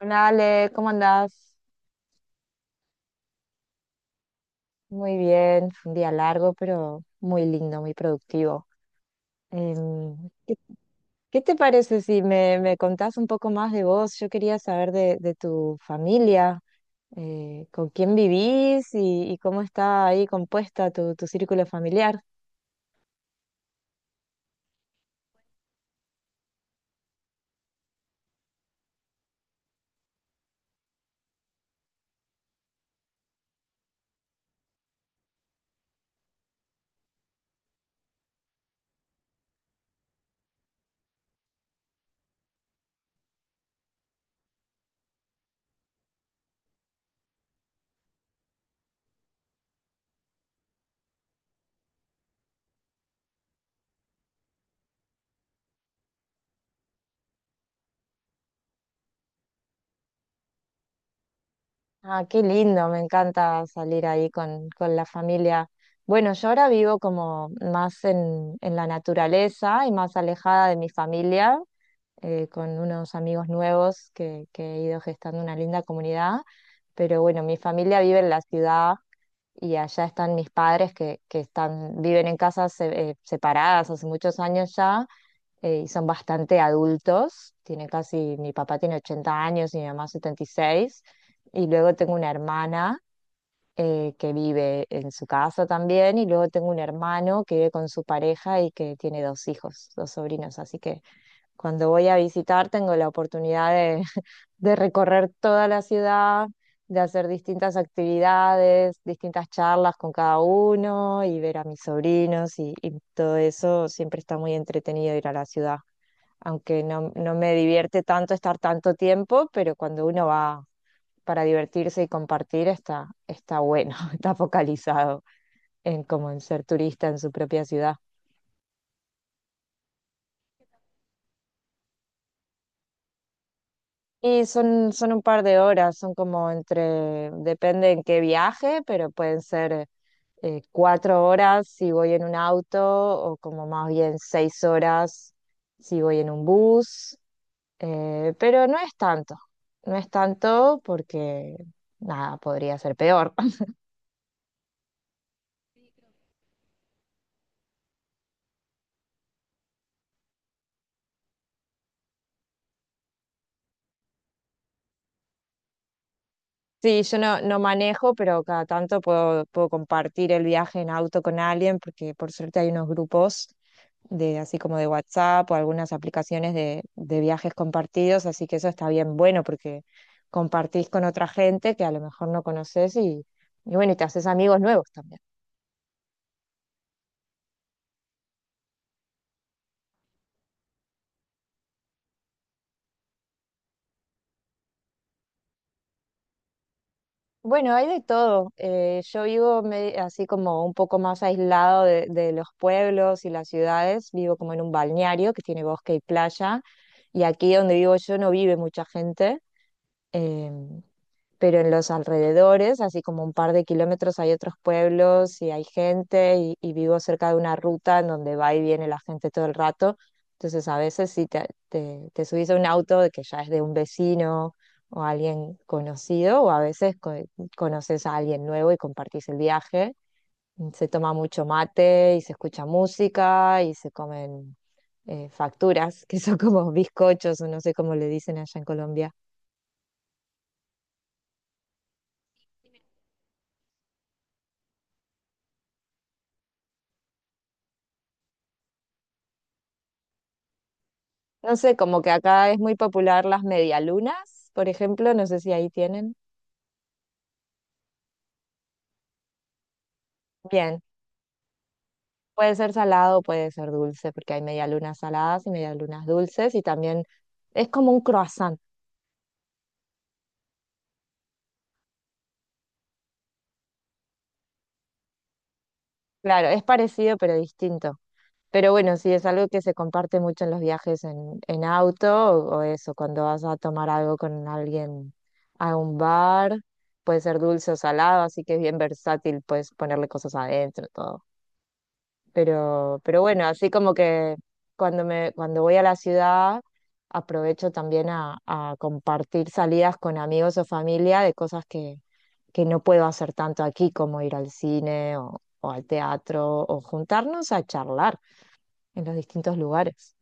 Hola Ale, ¿cómo andás? Muy bien, fue un día largo, pero muy lindo, muy productivo. Em, ¿qué, ¿qué te parece si me contás un poco más de vos? Yo quería saber de tu familia, con quién vivís y cómo está ahí compuesta tu círculo familiar? Ah, qué lindo, me encanta salir ahí con la familia. Bueno, yo ahora vivo como más en la naturaleza y más alejada de mi familia, con unos amigos nuevos que he ido gestando una linda comunidad. Pero bueno, mi familia vive en la ciudad y allá están mis padres que viven en casas separadas hace muchos años ya, y son bastante adultos. Tiene casi, mi papá tiene 80 años y mi mamá 76. Y seis. Y luego tengo una hermana, que vive en su casa también, y luego tengo un hermano que vive con su pareja y que tiene dos hijos, dos sobrinos. Así que cuando voy a visitar tengo la oportunidad de de recorrer toda la ciudad, de hacer distintas actividades, distintas charlas con cada uno y ver a mis sobrinos y todo eso. Siempre está muy entretenido ir a la ciudad, aunque no me divierte tanto estar tanto tiempo, pero cuando uno va para divertirse y compartir está bueno, está focalizado en como en ser turista en su propia ciudad. Y son un par de horas, son como entre, depende en qué viaje, pero pueden ser cuatro horas si voy en un auto, o como más bien seis horas si voy en un bus, pero no es tanto, no es tanto porque nada, podría ser peor. Sí, yo no manejo, pero cada tanto puedo compartir el viaje en auto con alguien, porque por suerte hay unos grupos de así como de WhatsApp o algunas aplicaciones de viajes compartidos, así que eso está bien bueno porque compartís con otra gente que a lo mejor no conoces y bueno, y te haces amigos nuevos también. Bueno, hay de todo. Yo vivo así como un poco más aislado de los pueblos y las ciudades. Vivo como en un balneario que tiene bosque y playa. Y aquí donde vivo yo no vive mucha gente, em, pero en los alrededores, así como un par de kilómetros, hay otros pueblos y hay gente y vivo cerca de una ruta en donde va y viene la gente todo el rato. Entonces a veces si te subís a un auto de que ya es de un vecino o alguien conocido, o a veces conoces a alguien nuevo y compartís el viaje. Se toma mucho mate y se escucha música y se comen facturas, que son como bizcochos o no sé cómo le dicen allá en Colombia. No sé, como que acá es muy popular las medialunas, por ejemplo, no sé si ahí tienen. Bien, puede ser salado, puede ser dulce, porque hay medialunas saladas y medialunas dulces, y también es como un croissant. Claro, es parecido pero distinto. Pero bueno, sí, es algo que se comparte mucho en los viajes en auto o eso, cuando vas a tomar algo con alguien a un bar, puede ser dulce o salado, así que es bien versátil, puedes ponerle cosas adentro, todo. Pero bueno, así como que cuando voy a la ciudad, aprovecho también a compartir salidas con amigos o familia de cosas que no puedo hacer tanto aquí, como ir al cine o al teatro, o juntarnos a charlar en los distintos lugares.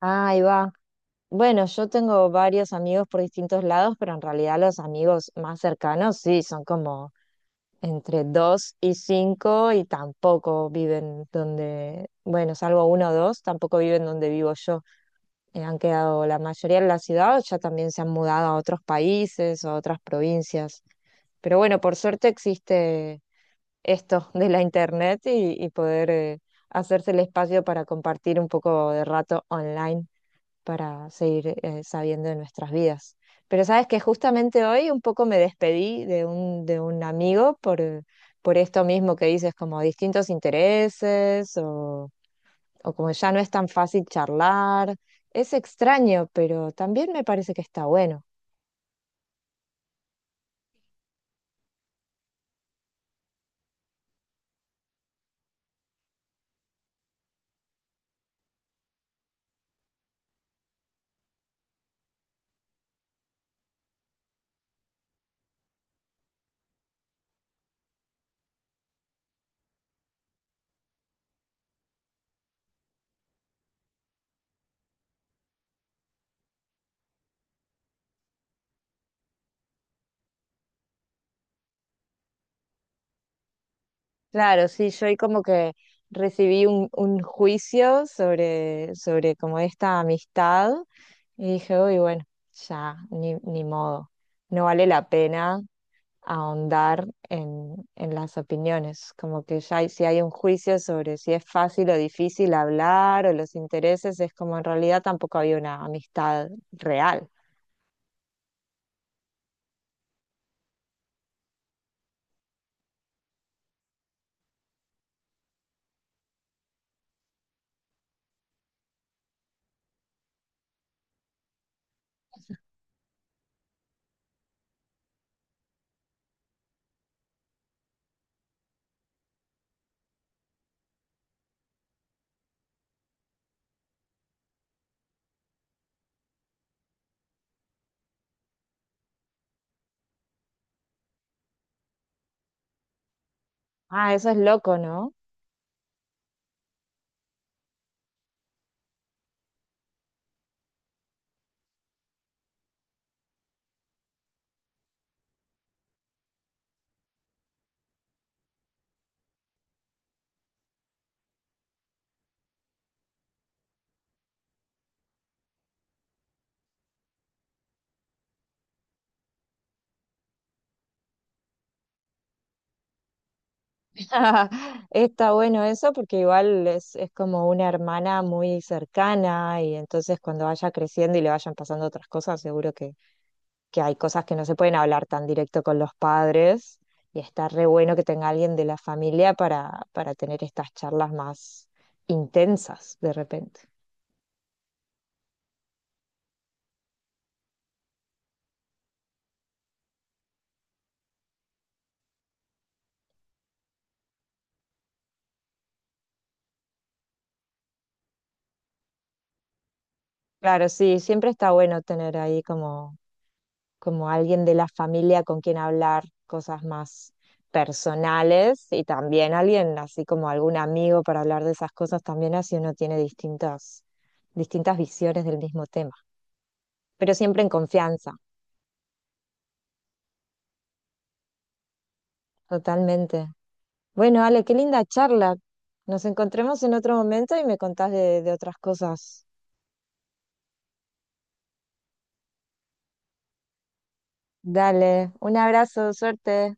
Ah, ahí va. Bueno, yo tengo varios amigos por distintos lados, pero en realidad los amigos más cercanos sí, son como entre 2 y 5 y tampoco viven donde, bueno, salvo uno o dos, tampoco viven donde vivo yo. Han quedado la mayoría en la ciudad, o ya también se han mudado a otros países, a otras provincias. Pero bueno, por suerte existe esto de la internet y poder hacerse el espacio para compartir un poco de rato online para seguir sabiendo de nuestras vidas. Pero sabes que justamente hoy un poco me despedí de de un amigo por esto mismo que dices, como distintos intereses o como ya no es tan fácil charlar. Es extraño, pero también me parece que está bueno. Claro, sí, yo hoy como que recibí un juicio sobre como esta amistad y dije, uy, bueno, ya, ni modo, no vale la pena ahondar en las opiniones, como que ya si hay un juicio sobre si es fácil o difícil hablar o los intereses, es como en realidad tampoco había una amistad real. Ah, eso es loco, ¿no? Está bueno eso porque igual es como una hermana muy cercana y entonces cuando vaya creciendo y le vayan pasando otras cosas, seguro que hay cosas que no se pueden hablar tan directo con los padres y está re bueno que tenga alguien de la familia para tener estas charlas más intensas de repente. Claro, sí, siempre está bueno tener ahí como, como alguien de la familia con quien hablar cosas más personales y también alguien así como algún amigo para hablar de esas cosas también así uno tiene distintas, distintas visiones del mismo tema, pero siempre en confianza, totalmente. Bueno, Ale, qué linda charla. Nos encontremos en otro momento y me contás de otras cosas. Dale, un abrazo, suerte.